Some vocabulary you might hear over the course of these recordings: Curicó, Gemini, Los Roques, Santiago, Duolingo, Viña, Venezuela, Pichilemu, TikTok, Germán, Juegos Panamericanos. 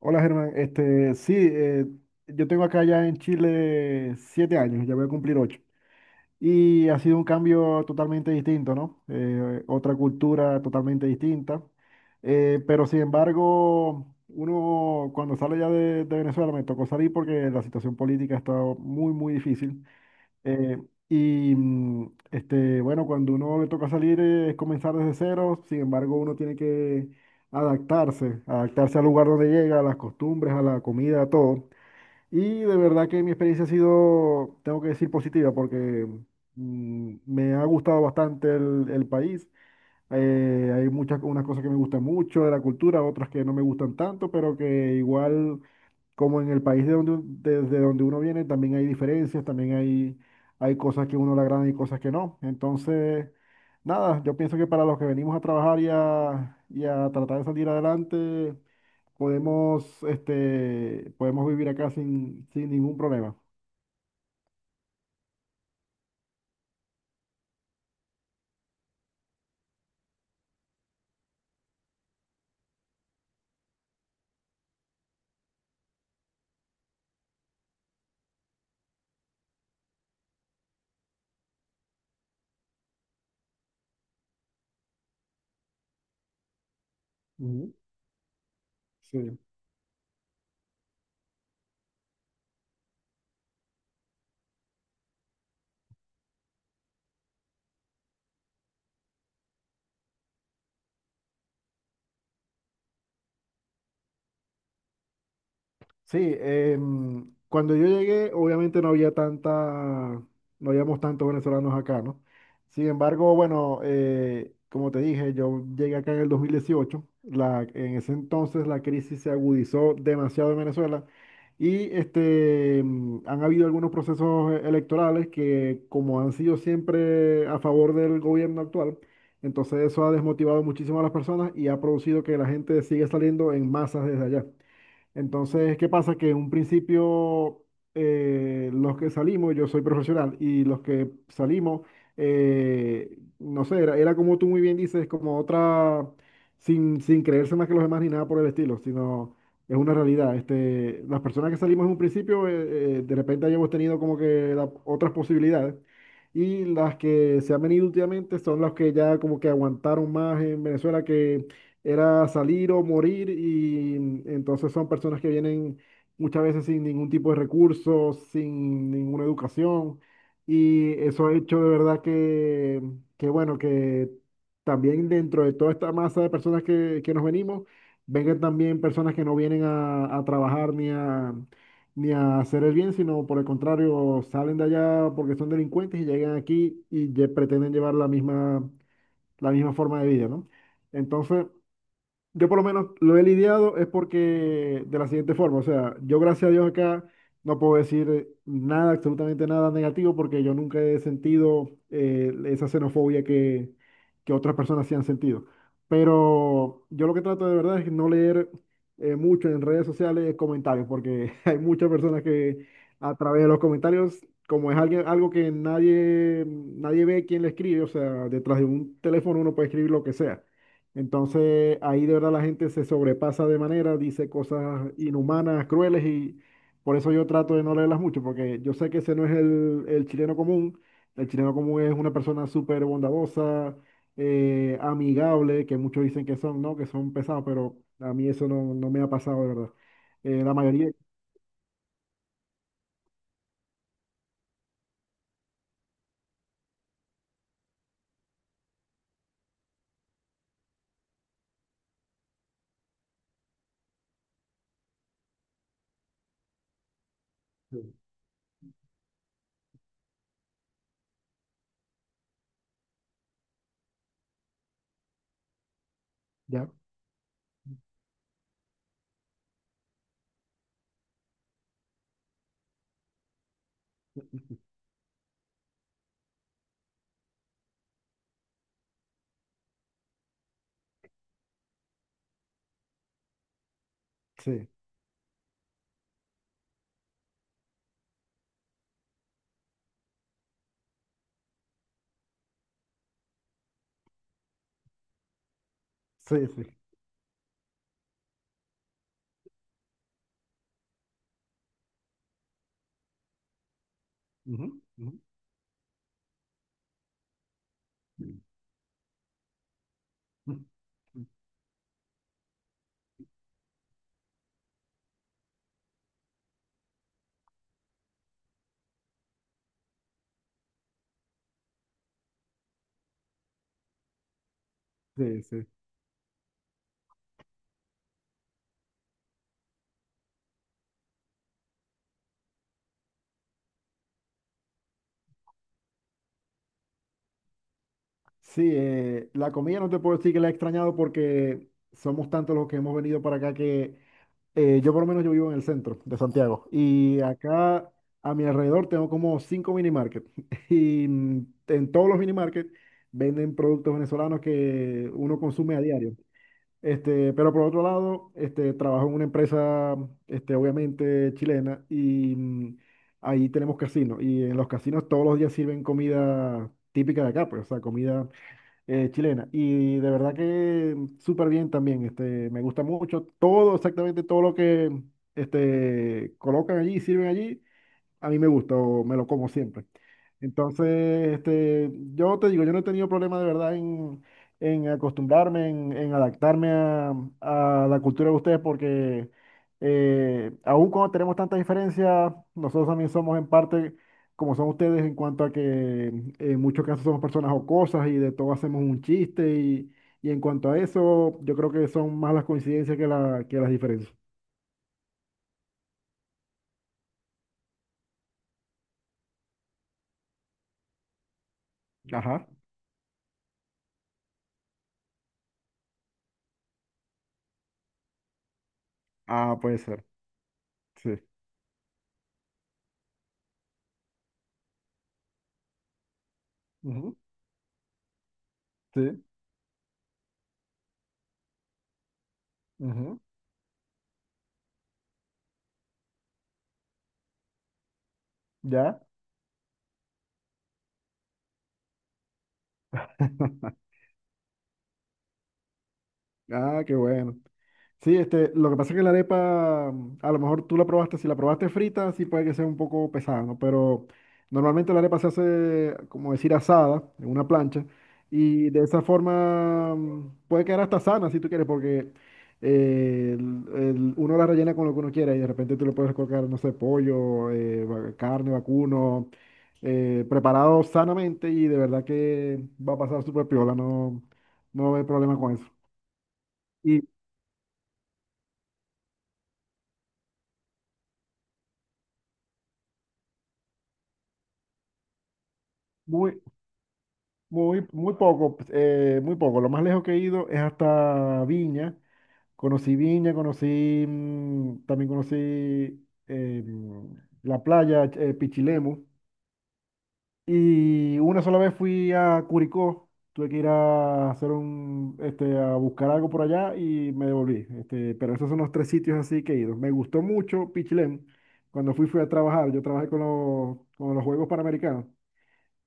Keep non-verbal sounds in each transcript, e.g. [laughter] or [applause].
Hola Germán, sí, yo tengo acá ya en Chile 7 años, ya voy a cumplir ocho. Y ha sido un cambio totalmente distinto, ¿no? Otra cultura totalmente distinta. Pero sin embargo, uno cuando sale ya de Venezuela, me tocó salir porque la situación política estaba muy, muy difícil. Eh, y bueno, cuando uno le toca salir, es comenzar desde cero. Sin embargo, uno tiene que adaptarse, adaptarse al lugar donde llega, a las costumbres, a la comida, a todo. Y de verdad que mi experiencia ha sido, tengo que decir, positiva, porque me ha gustado bastante el país. Hay muchas, unas cosas que me gustan mucho de la cultura, otras que no me gustan tanto, pero que igual, como en el país de donde, desde donde uno viene, también hay diferencias, también hay cosas que uno le agradan y cosas que no. Entonces, nada, yo pienso que para los que venimos a trabajar y a tratar de salir adelante, podemos vivir acá sin ningún problema. Ujú. Sí. Sí, cuando yo llegué, obviamente no había tanta, no habíamos tantos venezolanos acá, ¿no? Sin embargo, bueno, como te dije, yo llegué acá en el 2018. En ese entonces la crisis se agudizó demasiado en Venezuela, y han habido algunos procesos electorales, que como han sido siempre a favor del gobierno actual, entonces eso ha desmotivado muchísimo a las personas y ha producido que la gente siga saliendo en masas desde allá. Entonces, ¿qué pasa? Que en un principio, los que salimos, yo soy profesional, y los que salimos, no sé, era, era como tú muy bien dices, como otra, sin creerse más que los demás ni nada por el estilo, sino es una realidad. Este, las personas que salimos en un principio, de repente hayamos tenido como que otras posibilidades, y las que se han venido últimamente son las que ya, como que aguantaron más en Venezuela, era salir o morir. Y entonces son personas que vienen muchas veces sin ningún tipo de recursos, sin ninguna educación, y eso ha hecho de verdad que también dentro de toda esta masa de personas que nos venimos, vengan también personas que no vienen a trabajar ni a hacer el bien, sino por el contrario, salen de allá porque son delincuentes y llegan aquí y pretenden llevar la misma forma de vida, ¿no? Entonces, yo por lo menos lo he lidiado es porque de la siguiente forma, o sea, yo gracias a Dios acá no puedo decir nada, absolutamente nada negativo, porque yo nunca he sentido esa xenofobia que otras personas sí han sentido. Pero yo lo que trato de verdad es no leer mucho en redes sociales comentarios, porque [laughs] hay muchas personas que, a través de los comentarios, como es alguien, algo que nadie ve quién le escribe, o sea, detrás de un teléfono uno puede escribir lo que sea. Entonces ahí de verdad la gente se sobrepasa de manera, dice cosas inhumanas, crueles, y por eso yo trato de no leerlas mucho, porque yo sé que ese no es el chileno común. El chileno común es una persona súper bondadosa, amigable, que muchos dicen que son, ¿no? Que son pesados, pero a mí eso no, no me ha pasado de verdad. La mayoría, sí, ya, sí, sí, sí. Ujú, ujú. Sí, sí. Sí, la comida no te puedo decir que la he extrañado, porque somos tantos los que hemos venido para acá, que yo por lo menos yo vivo en el centro de Santiago, y acá a mi alrededor tengo como cinco mini market [laughs] y en todos los mini market venden productos venezolanos que uno consume a diario. Pero por otro lado, trabajo en una empresa, obviamente chilena, y ahí tenemos casinos, y en los casinos todos los días sirven comida típica de acá, pues, o sea, comida chilena. Y de verdad que súper bien también. Me gusta mucho todo, exactamente todo lo que colocan allí, sirven allí. A mí me gustó, me lo como siempre. Entonces, este, yo te digo, yo no he tenido problema de verdad en acostumbrarme, en adaptarme a la cultura de ustedes, porque aún cuando tenemos tantas diferencias, nosotros también somos en parte como son ustedes, en cuanto a que en muchos casos somos personas jocosas y de todo hacemos un chiste. Y en cuanto a eso, yo creo que son más las coincidencias que las diferencias. Ajá. Ah, puede ser. Sí. Ujú. Sí. Ujú. ¿Ya? [laughs] Ah, qué bueno. Sí, lo que pasa es que la arepa, a lo mejor tú la probaste, si la probaste frita, sí puede que sea un poco pesada, ¿no? Pero normalmente la arepa se hace, como decir, asada en una plancha, y de esa forma puede quedar hasta sana si tú quieres, porque uno la rellena con lo que uno quiera, y de repente tú le puedes colocar, no sé, pollo, carne, vacuno, preparado sanamente, y de verdad que va a pasar súper piola. No, no hay problema con eso. Muy, muy, muy poco, muy poco. Lo más lejos que he ido es hasta Viña. Conocí Viña, conocí, también conocí eh, mm, la playa, Pichilemu. Y una sola vez fui a Curicó. Tuve que ir a hacer a buscar algo por allá y me devolví. Pero esos son los tres sitios así que he ido. Me gustó mucho Pichilemu. Cuando fui, fui a trabajar. Yo trabajé con los Juegos Panamericanos,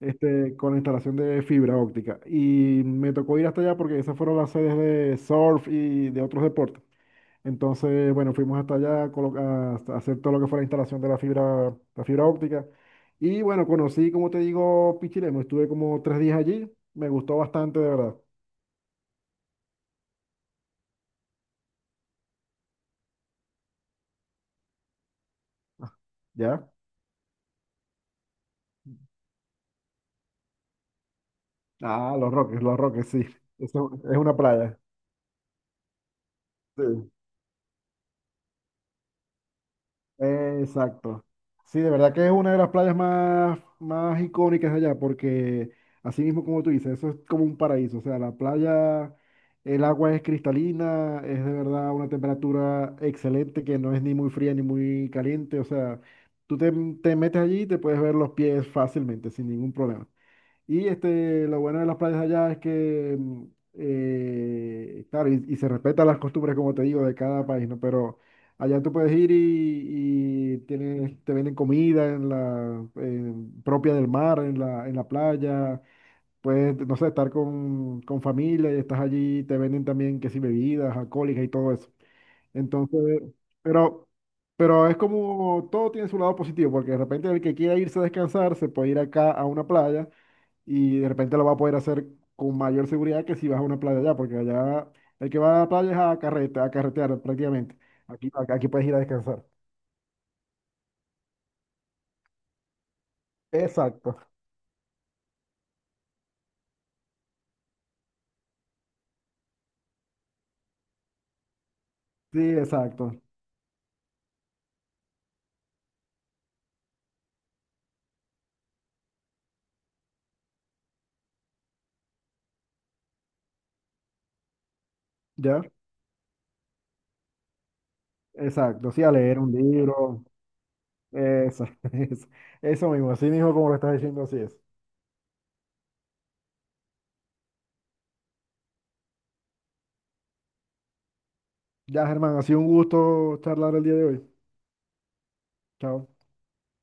con la instalación de fibra óptica. Y me tocó ir hasta allá porque esas fueron las sedes de surf y de otros deportes. Entonces, bueno, fuimos hasta allá a hacer todo lo que fue la instalación de la fibra óptica. Y bueno, conocí, como te digo, Pichilemu. Estuve como 3 días allí. Me gustó bastante, de verdad. Ah. ¿Ya? Ah, Los Roques, Los Roques, sí. Eso es una playa. Sí. Exacto. Sí, de verdad que es una de las playas más, más icónicas de allá, porque así mismo como tú dices, eso es como un paraíso. O sea, la playa, el agua es cristalina, es de verdad una temperatura excelente que no es ni muy fría ni muy caliente. O sea, tú te metes allí y te puedes ver los pies fácilmente, sin ningún problema. Y lo bueno de las playas allá es que, claro, y se respetan las costumbres, como te digo, de cada país, ¿no? Pero allá tú puedes ir y tienes, te venden comida en propia del mar, en la playa. Puedes, no sé, estar con familia, y estás allí, te venden también, que si bebidas alcohólicas y todo eso. Entonces, pero... Pero es como, todo tiene su lado positivo, porque de repente el que quiera irse a descansar se puede ir acá a una playa, y de repente lo va a poder hacer con mayor seguridad que si vas a una playa allá, porque allá el que va a la playa es a carrete, a carretear prácticamente. Aquí, aquí puedes ir a descansar. Exacto, sí, exacto, ¿ya? Exacto, sí, a leer un libro, eso, [laughs] eso, eso mismo, así mismo como lo estás diciendo, así es. Ya, Germán, ha sido un gusto charlar el día de hoy. Chao.